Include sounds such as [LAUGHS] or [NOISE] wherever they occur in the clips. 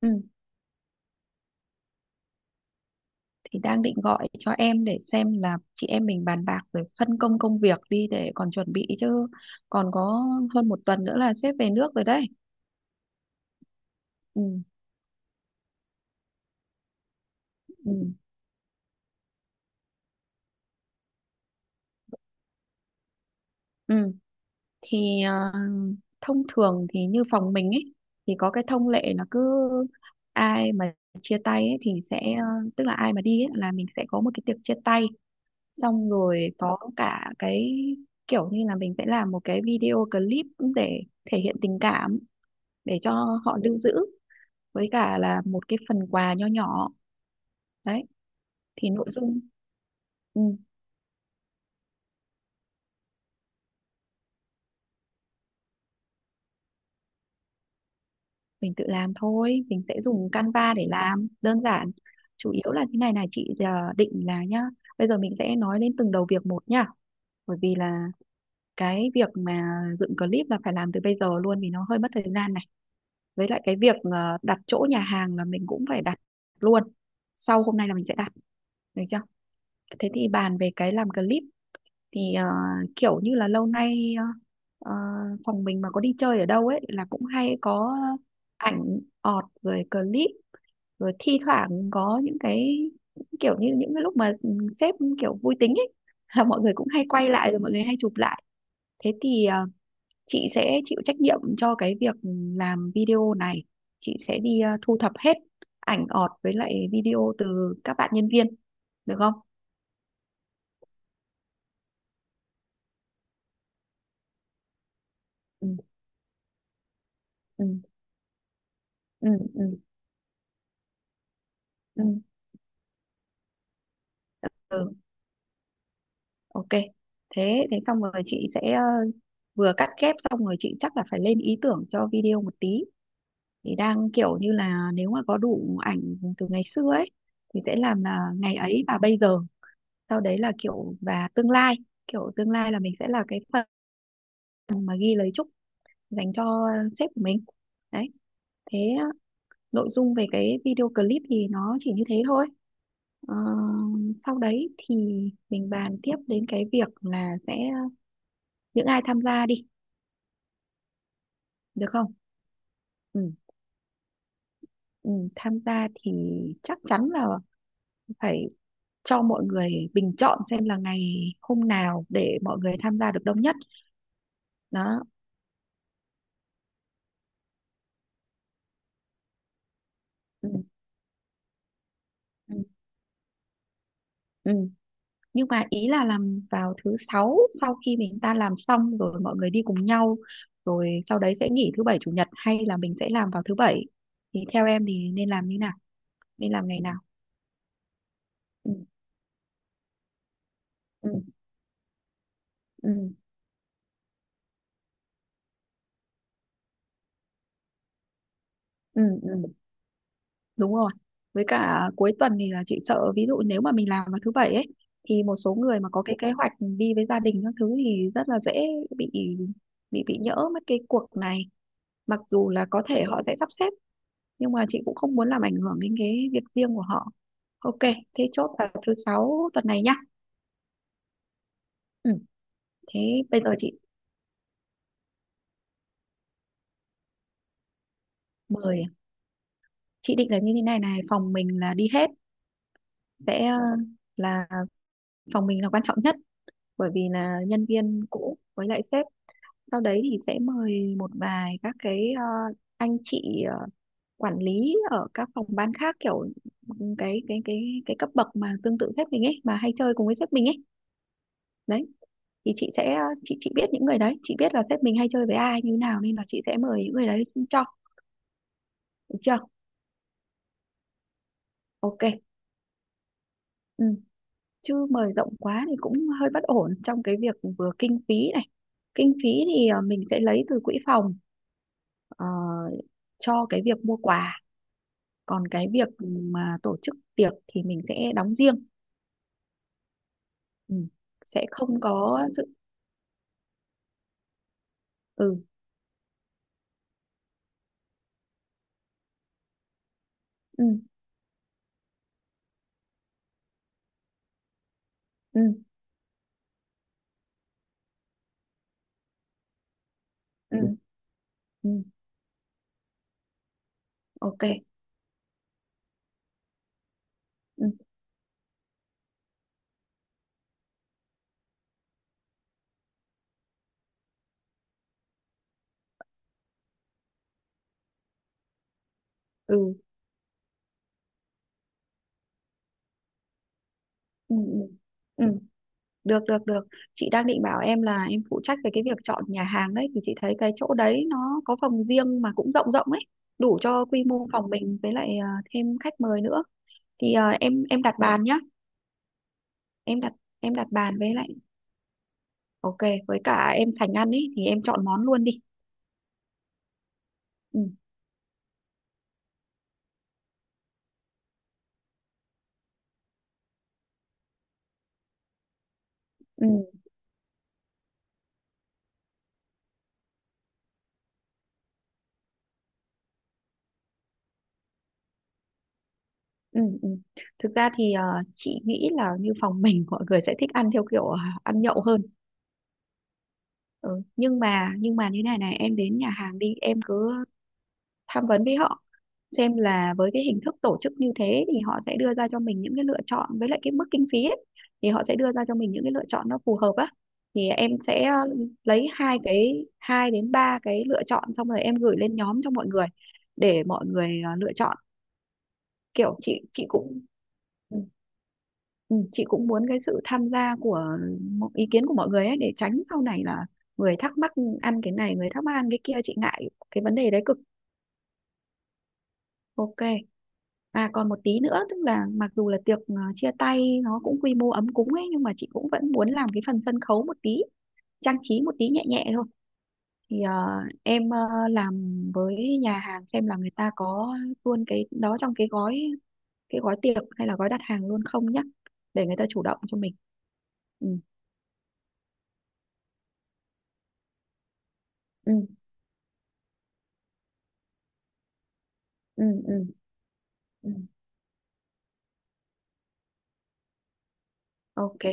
Ừ, thì đang định gọi cho em để xem là chị em mình bàn bạc rồi phân công công việc đi để còn chuẩn bị chứ còn có hơn một tuần nữa là sếp về nước rồi đấy. Ừ, ừ, ừ. Thì thông thường thì như phòng mình ấy thì có cái thông lệ là cứ ai mà chia tay ấy, thì sẽ, tức là ai mà đi ấy, là mình sẽ có một cái tiệc chia tay, xong rồi có cả cái kiểu như là mình sẽ làm một cái video clip để thể hiện tình cảm để cho họ lưu giữ, với cả là một cái phần quà nho nhỏ đấy. Thì nội dung. Ừ, mình tự làm thôi, mình sẽ dùng Canva để làm đơn giản. Chủ yếu là thế này này chị, định là nhá. Bây giờ mình sẽ nói đến từng đầu việc một nhá, bởi vì là cái việc mà dựng clip là phải làm từ bây giờ luôn vì nó hơi mất thời gian này, với lại cái việc đặt chỗ nhà hàng là mình cũng phải đặt luôn. Sau hôm nay là mình sẽ đặt, được chưa? Thế thì bàn về cái làm clip, thì kiểu như là lâu nay, ờ, phòng mình mà có đi chơi ở đâu ấy là cũng hay có ảnh ọt rồi clip, rồi thi thoảng có những cái kiểu như những cái lúc mà sếp kiểu vui tính ấy, [LAUGHS] là mọi người cũng hay quay lại rồi mọi người hay chụp lại. Thế thì chị sẽ chịu trách nhiệm cho cái việc làm video này, chị sẽ đi thu thập hết ảnh ọt với lại video từ các bạn nhân viên, được không? Ừ, ừ, ừ, ừ, ừ. Ok, thế thế xong rồi chị sẽ vừa cắt ghép xong rồi chị chắc là phải lên ý tưởng cho video một tí. Thì đang kiểu như là nếu mà có đủ ảnh từ ngày xưa ấy thì sẽ làm là ngày ấy và bây giờ, sau đấy là kiểu và tương lai, kiểu tương lai là mình sẽ là cái phần mà ghi lời chúc dành cho sếp của mình. Đấy, thế nội dung về cái video clip thì nó chỉ như thế thôi. Ờ, Sau đấy thì mình bàn tiếp đến cái việc là sẽ những ai tham gia đi, được không? Ừ, ừ, tham gia thì chắc chắn là phải cho mọi người bình chọn xem là ngày hôm nào để mọi người tham gia được đông nhất đó. Ừ, ừ, ừ, Nhưng mà ý là làm vào thứ sáu sau khi mình ta làm xong rồi mọi người đi cùng nhau, rồi sau đấy sẽ nghỉ thứ bảy chủ nhật, hay là mình sẽ làm vào thứ bảy? Thì theo em thì nên làm như nào, nên làm ngày nào? Ừ, ừ, ừ, ừ, ừ. Đúng rồi. Với cả cuối tuần thì là chị sợ, ví dụ nếu mà mình làm vào thứ bảy ấy thì một số người mà có cái kế hoạch đi với gia đình các thứ thì rất là dễ bị nhỡ mất cái cuộc này. Mặc dù là có thể họ sẽ sắp xếp nhưng mà chị cũng không muốn làm ảnh hưởng đến cái việc riêng của họ. Ok, thế chốt vào thứ sáu tuần này nhá. Ừ, thế bây giờ chị mời chị định là như thế này này, phòng mình là đi hết, sẽ là phòng mình là quan trọng nhất bởi vì là nhân viên cũ với lại sếp. Sau đấy thì sẽ mời một vài các cái anh chị quản lý ở các phòng ban khác, kiểu cái cấp bậc mà tương tự sếp mình ấy, mà hay chơi cùng với sếp mình ấy. Đấy, thì chị sẽ chị biết những người đấy, chị biết là sếp mình hay chơi với ai như nào nên là chị sẽ mời những người đấy cho, được chưa? Ok. Ừ. Chứ mời rộng quá thì cũng hơi bất ổn trong cái việc vừa kinh phí này. Kinh phí thì mình sẽ lấy từ quỹ phòng, ờ, cho cái việc mua quà. Còn cái việc mà tổ chức tiệc thì mình sẽ đóng riêng. Ừ. Sẽ không có sự. Ừ, ừ, ừ, ừ, Ừ. Ừ. Ok. Ừ. Ừ, ừ, ừ, ừ. Được, được, được, chị đang định bảo em là em phụ trách về cái việc chọn nhà hàng đấy. Thì chị thấy cái chỗ đấy nó có phòng riêng mà cũng rộng rộng ấy, đủ cho quy mô phòng mình, với lại thêm khách mời nữa. Thì em đặt bàn nhá. em đặt em đặt bàn, với lại, ok, với cả em sành ăn ấy thì em chọn món luôn đi. Ừ. Ừ. Ừ, ừ. Thực ra thì chị nghĩ là như phòng mình mọi người sẽ thích ăn theo kiểu ăn nhậu hơn. Ừ. Nhưng mà như này này, em đến nhà hàng đi, em cứ tham vấn với họ xem là với cái hình thức tổ chức như thế thì họ sẽ đưa ra cho mình những cái lựa chọn với lại cái mức kinh phí ấy, thì họ sẽ đưa ra cho mình những cái lựa chọn nó phù hợp á. Thì em sẽ lấy hai đến ba cái lựa chọn, xong rồi em gửi lên nhóm cho mọi người để mọi người lựa chọn. Kiểu chị cũng, ừ, Ừ, chị cũng muốn cái sự tham gia của ý kiến của mọi người ấy, để tránh sau này là người thắc mắc ăn cái này, người thắc mắc ăn cái kia, chị ngại cái vấn đề đấy cực. Ok, còn một tí nữa, tức là mặc dù là tiệc chia tay nó cũng quy mô ấm cúng ấy nhưng mà chị cũng vẫn muốn làm cái phần sân khấu một tí, trang trí một tí nhẹ nhẹ thôi. Thì em làm với nhà hàng xem là người ta có luôn cái đó trong cái gói, cái gói tiệc hay là gói đặt hàng luôn không nhá, để người ta chủ động cho mình. Ừ, ừ. Ừ, ừ, ừ. Ok.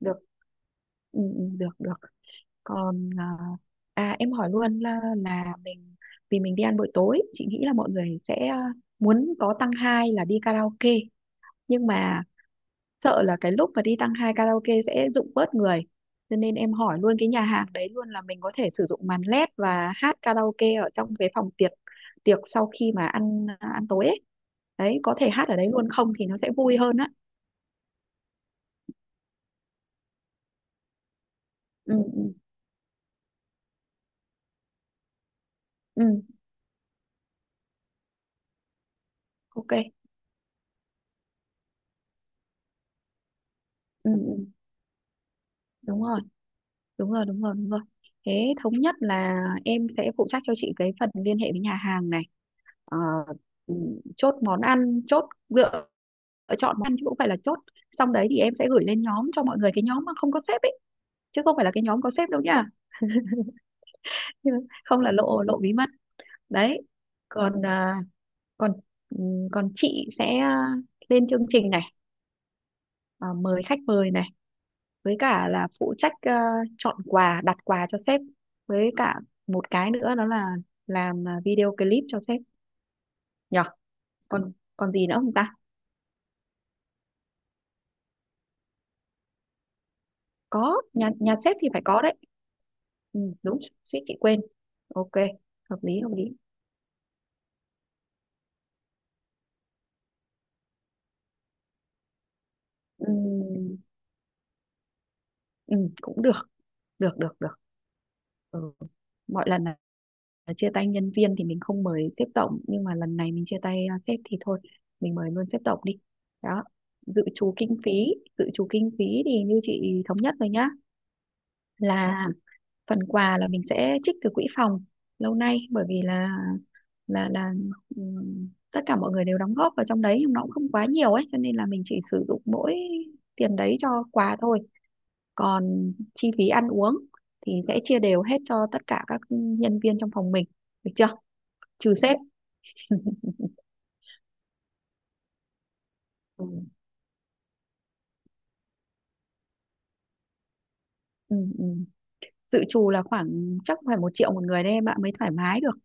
Được. Ừ, ừ, được, được. Còn em hỏi luôn là, mình, vì mình đi ăn buổi tối chị nghĩ là mọi người sẽ muốn có tăng hai là đi karaoke. Nhưng mà sợ là cái lúc mà đi tăng hai karaoke sẽ rụng bớt người, cho nên em hỏi luôn cái nhà hàng đấy luôn là mình có thể sử dụng màn led và hát karaoke ở trong cái phòng tiệc, tiệc sau khi mà ăn à, ăn tối ấy. Đấy có thể hát ở đấy luôn không thì nó sẽ vui hơn á. Ừ, ừ, ừ, ok, ừ, ừ, đúng rồi, đúng rồi, đúng rồi, đúng rồi. Thế thống nhất là em sẽ phụ trách cho chị cái phần liên hệ với nhà hàng này. Ờ, ừ, chốt lựa chọn món ăn chứ cũng phải là chốt. Xong đấy thì em sẽ gửi lên nhóm cho mọi người, cái nhóm mà không có sếp ấy chứ không phải là cái nhóm có sếp đâu nhá. [LAUGHS] Không là lộ lộ bí mật. Đấy, còn à, còn ừ, còn chị sẽ lên chương trình này, mời khách mời này, với cả là phụ trách chọn quà đặt quà cho sếp, với cả một cái nữa đó là làm video clip cho sếp, nhở? Còn còn gì nữa không ta? Có, nhà nhà sếp thì phải có đấy. Ừ, đúng, suýt chị quên. Ok. Hợp lý, hợp lý. Ừ, ừ, cũng được, được, được, được. Ừ. Mọi lần, chia tay nhân viên thì mình không mời sếp tổng nhưng mà lần này mình chia tay sếp thì thôi mình mời luôn sếp tổng đi. Đó. Dự trù kinh phí, dự trù kinh phí thì như chị thống nhất rồi nhá, là phần quà là mình sẽ trích từ quỹ phòng lâu nay bởi vì là tất cả mọi người đều đóng góp vào trong đấy nhưng nó cũng không quá nhiều ấy cho nên là mình chỉ sử dụng mỗi tiền đấy cho quà thôi. Còn chi phí ăn uống thì sẽ chia đều hết cho tất cả các nhân viên trong phòng mình, được chưa? Trừ sếp. [LAUGHS] Ừ, ừ, ừ. Dự trù là khoảng chắc phải 1.000.000 một người đấy em ạ, mới thoải mái được.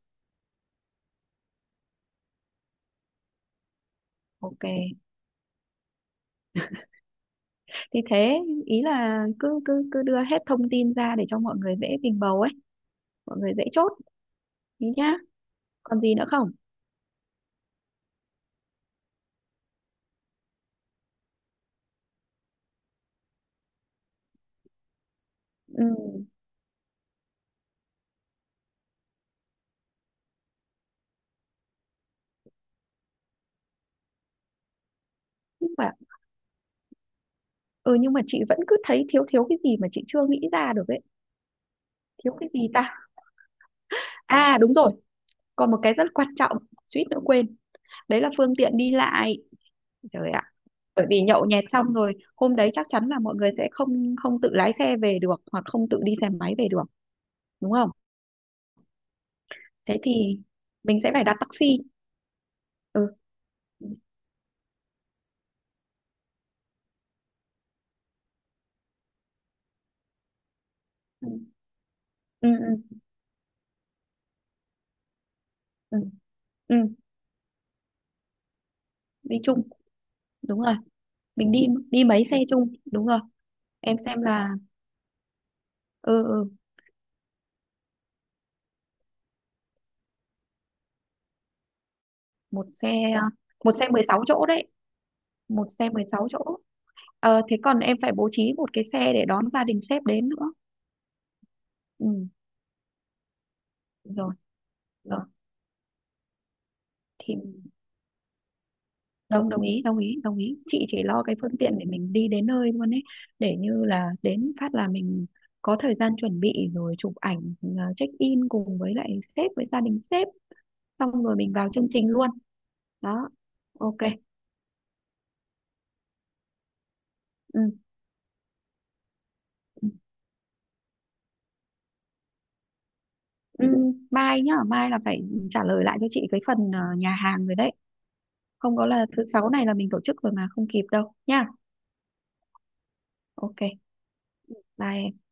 Ok, thì thế, ý là cứ cứ cứ đưa hết thông tin ra để cho mọi người dễ bình bầu ấy, mọi người dễ chốt ý nhá. Còn gì nữa không? Ừ. nhưng mà ừ nhưng mà chị vẫn cứ thấy thiếu thiếu cái gì mà chị chưa nghĩ ra được ấy. Thiếu cái gì ta? À, đúng rồi, còn một cái rất quan trọng, suýt nữa quên. Đấy là phương tiện đi lại. Trời! Bởi vì nhậu nhẹt xong rồi hôm đấy chắc chắn là mọi người sẽ không không tự lái xe về được, hoặc không tự đi xe máy về được, đúng không? Thế thì mình sẽ phải đặt taxi. Ừ, ừ, ừ, ừ, ừ. Đi chung, đúng rồi, mình đi, mấy xe chung, đúng rồi. Em xem là, ừ, ừ, một xe à, một xe 16 chỗ đấy, một xe 16 chỗ. Thế còn em phải bố trí một cái xe để đón gia đình sếp đến nữa. Ừ. Rồi, rồi thì đồng đồng ý, đồng ý, đồng ý, chị chỉ lo cái phương tiện để mình đi đến nơi luôn ấy, để như là đến phát là mình có thời gian chuẩn bị rồi chụp ảnh check in cùng với lại sếp với gia đình sếp, xong rồi mình vào chương trình luôn. Đó, ok. Ừ. Ừ, ừ. Mai nhá, mai là phải trả lời lại cho chị cái phần nhà hàng rồi đấy, không có là thứ sáu này là mình tổ chức rồi mà không kịp đâu nha. Ok, bye em.